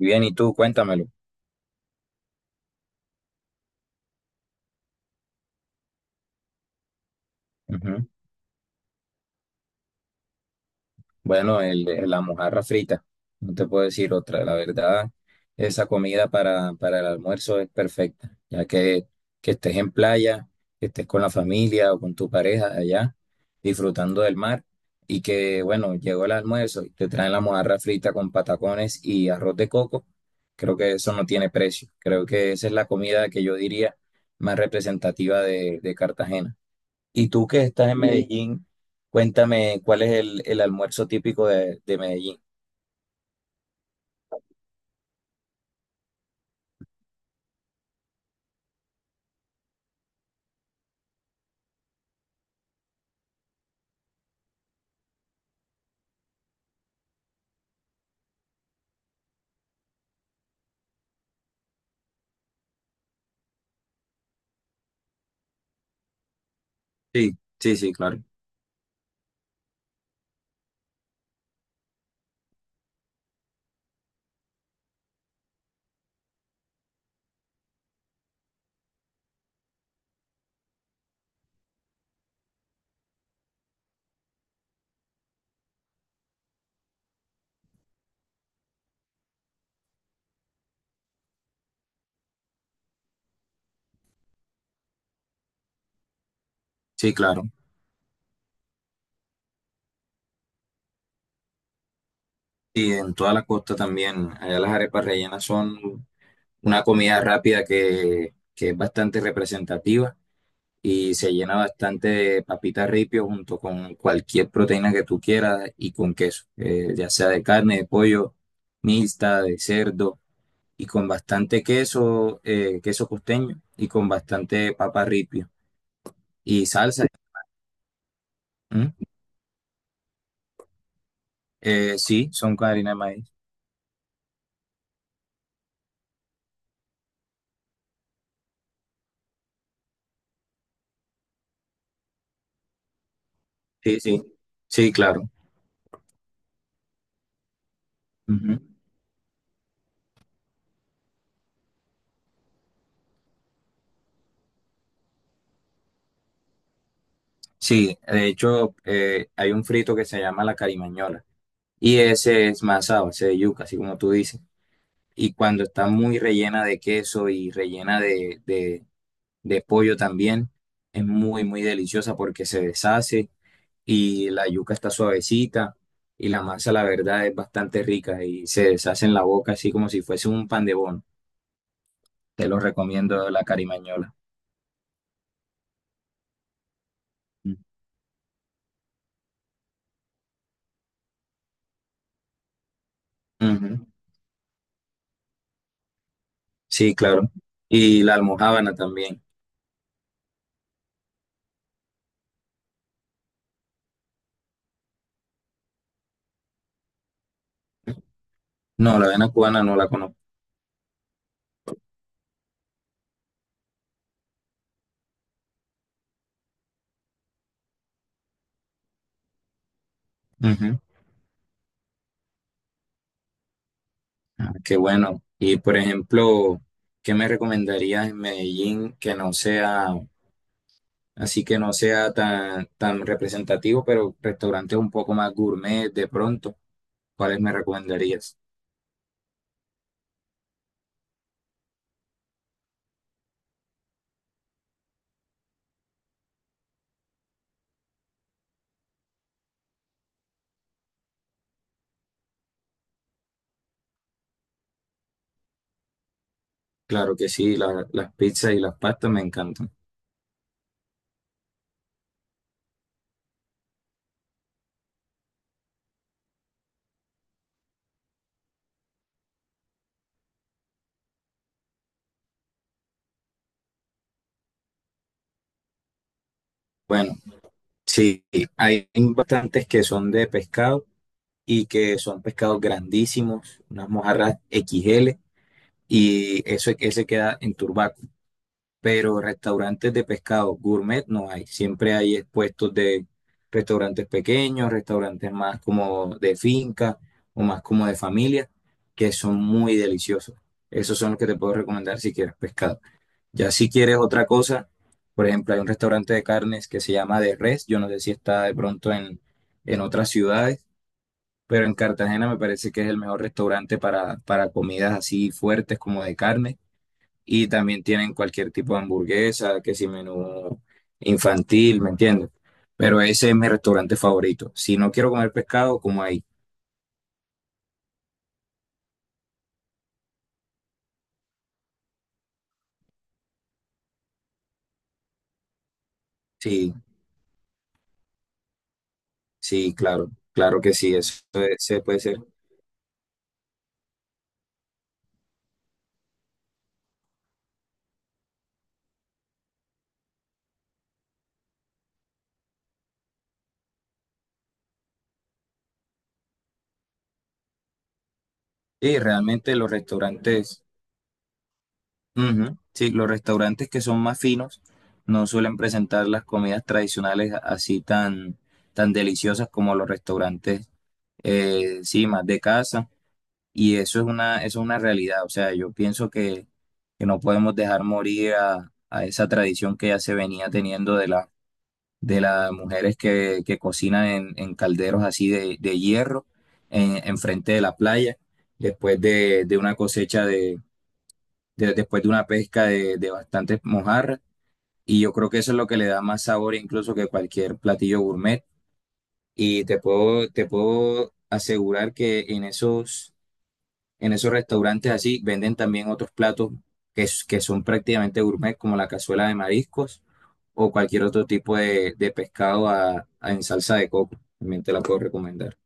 Bien, y tú, cuéntamelo. Ujú. Bueno, la mojarra frita, no te puedo decir otra. La verdad, esa comida para el almuerzo es perfecta, ya que estés en playa, que estés con la familia o con tu pareja allá, disfrutando del mar, y que, bueno, llegó el almuerzo y te traen la mojarra frita con patacones y arroz de coco. Creo que eso no tiene precio. Creo que esa es la comida que yo diría más representativa de Cartagena. Y tú que estás en Sí. Medellín, cuéntame cuál es el almuerzo típico de Medellín. Sí, sí, sí, claro. Sí, claro. Y en toda la costa también. Allá las arepas rellenas son una comida rápida que es bastante representativa y se llena bastante de papitas ripio junto con cualquier proteína que tú quieras y con queso, ya sea de carne, de pollo, mixta, de cerdo y con bastante queso, queso costeño y con bastante papa ripio. Y salsa. ¿Mm? Sí, son con harina de maíz. Sí, sí. Sí, claro. Ujú. Sí, de hecho, hay un frito que se llama la carimañola. Y ese es masado, ese de yuca, así como tú dices. Y cuando está muy rellena de queso y rellena de pollo también, es muy, muy deliciosa porque se deshace y la yuca está suavecita y la masa, la verdad, es bastante rica y se deshace en la boca, así como si fuese un pan de bono. Te lo recomiendo la carimañola. Ujú. Sí, claro. Y la almojábana también. No, la avena cubana no la conozco. Ujú. Ah, qué bueno. Y por ejemplo, ¿qué me recomendarías en Medellín que no sea, así que no sea tan, tan representativo, pero restaurantes un poco más gourmet de pronto? ¿Cuáles me recomendarías? Claro que sí, las pizzas y las pastas me encantan. Bueno, sí, hay bastantes que son de pescado y que son pescados grandísimos, unas mojarras XL. Y eso es que se queda en Turbaco. Pero restaurantes de pescado gourmet no hay. Siempre hay puestos de restaurantes pequeños, restaurantes más como de finca o más como de familia, que son muy deliciosos. Esos son los que te puedo recomendar si quieres pescado. Ya si quieres otra cosa, por ejemplo, hay un restaurante de carnes que se llama De Res. Yo no sé si está de pronto en otras ciudades, pero en Cartagena me parece que es el mejor restaurante para comidas así fuertes como de carne y también tienen cualquier tipo de hamburguesa, que si menú infantil, ¿me entiendes? Pero ese es mi restaurante favorito. Si no quiero comer pescado, como ahí. Sí, sí, claro, claro que sí, eso es- se puede ser. Y realmente los restaurantes, ujú, sí, los restaurantes que son más finos no suelen presentar las comidas tradicionales así tan, tan deliciosas como los restaurantes, sí, más de casa. Y eso es una realidad. O sea, yo pienso que no podemos dejar morir a esa tradición que ya se venía teniendo de la, de las mujeres que cocinan en calderos así de hierro en frente de la playa, después de una cosecha después de una pesca de bastantes mojarras. Y yo creo que eso es lo que le da más sabor incluso que cualquier platillo gourmet. Y te puedo asegurar que en esos En esos restaurantes así venden también otros platos que son prácticamente gourmet, como la cazuela de mariscos o cualquier otro tipo de pescado en salsa de coco. También te la puedo recomendar.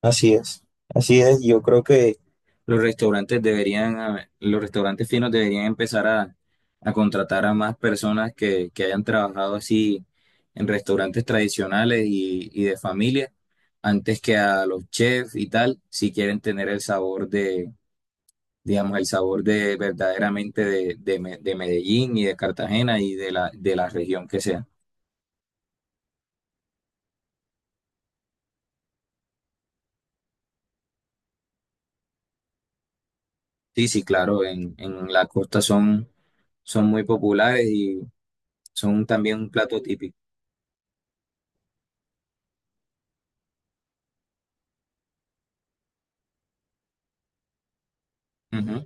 Así es, así es. Yo creo que los restaurantes deberían, los restaurantes finos deberían empezar a contratar a más personas que hayan trabajado así en restaurantes tradicionales y de familia, antes que a los chefs y tal, si quieren tener el sabor, digamos, el sabor de verdaderamente de Medellín y de Cartagena y de la región que sea. Sí, sí, claro, en la costa son, son muy populares y son también un plato típico. Ujú.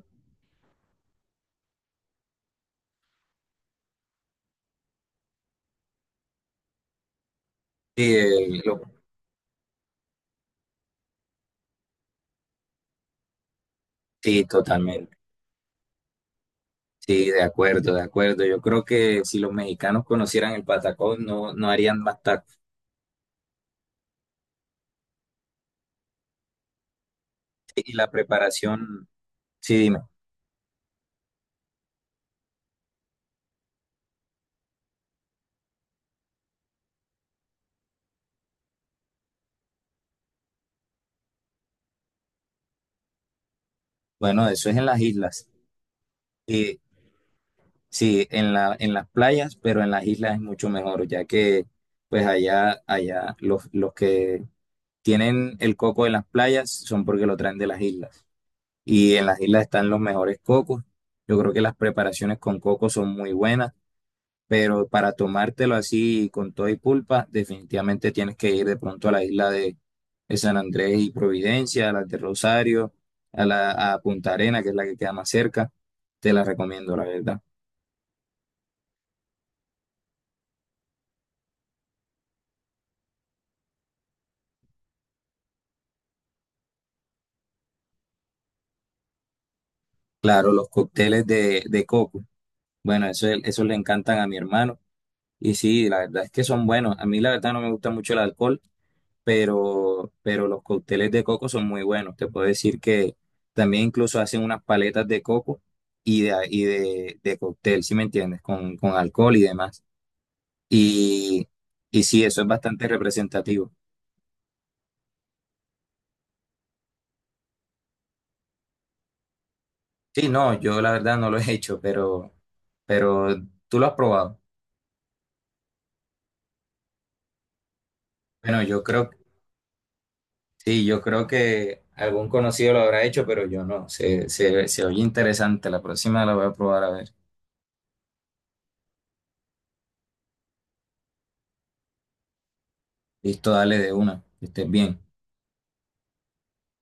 Sí, lo- sí, totalmente. Sí, de acuerdo, de acuerdo. Yo creo que si los mexicanos conocieran el patacón, no, no harían más tacos. Sí, y la preparación, sí, dime. Bueno, eso es en las islas. Sí, en la, en las playas, pero en las islas es mucho mejor, ya que pues allá, allá los que tienen el coco de las playas son porque lo traen de las islas. Y en las islas están los mejores cocos. Yo creo que las preparaciones con coco son muy buenas, pero para tomártelo así con todo y pulpa, definitivamente tienes que ir de pronto a la isla de San Andrés y Providencia, a la de Rosario, a Punta Arena, que es la que queda más cerca. Te la recomiendo, la verdad. Claro, los cócteles de coco. Bueno, eso le encantan a mi hermano. Y sí, la verdad es que son buenos. A mí la verdad no me gusta mucho el alcohol, pero los cócteles de coco son muy buenos. Te puedo decir que también incluso hacen unas paletas de coco de cóctel, ¿si me entiendes? Con alcohol y demás. Y, y sí, eso es bastante representativo. Sí, no, yo la verdad no lo he hecho, pero tú lo has probado. Bueno, yo creo, sí, yo creo que algún conocido lo habrá hecho, pero yo no. Se oye interesante. La próxima la voy a probar a ver. Listo, dale de una. Que estés bien.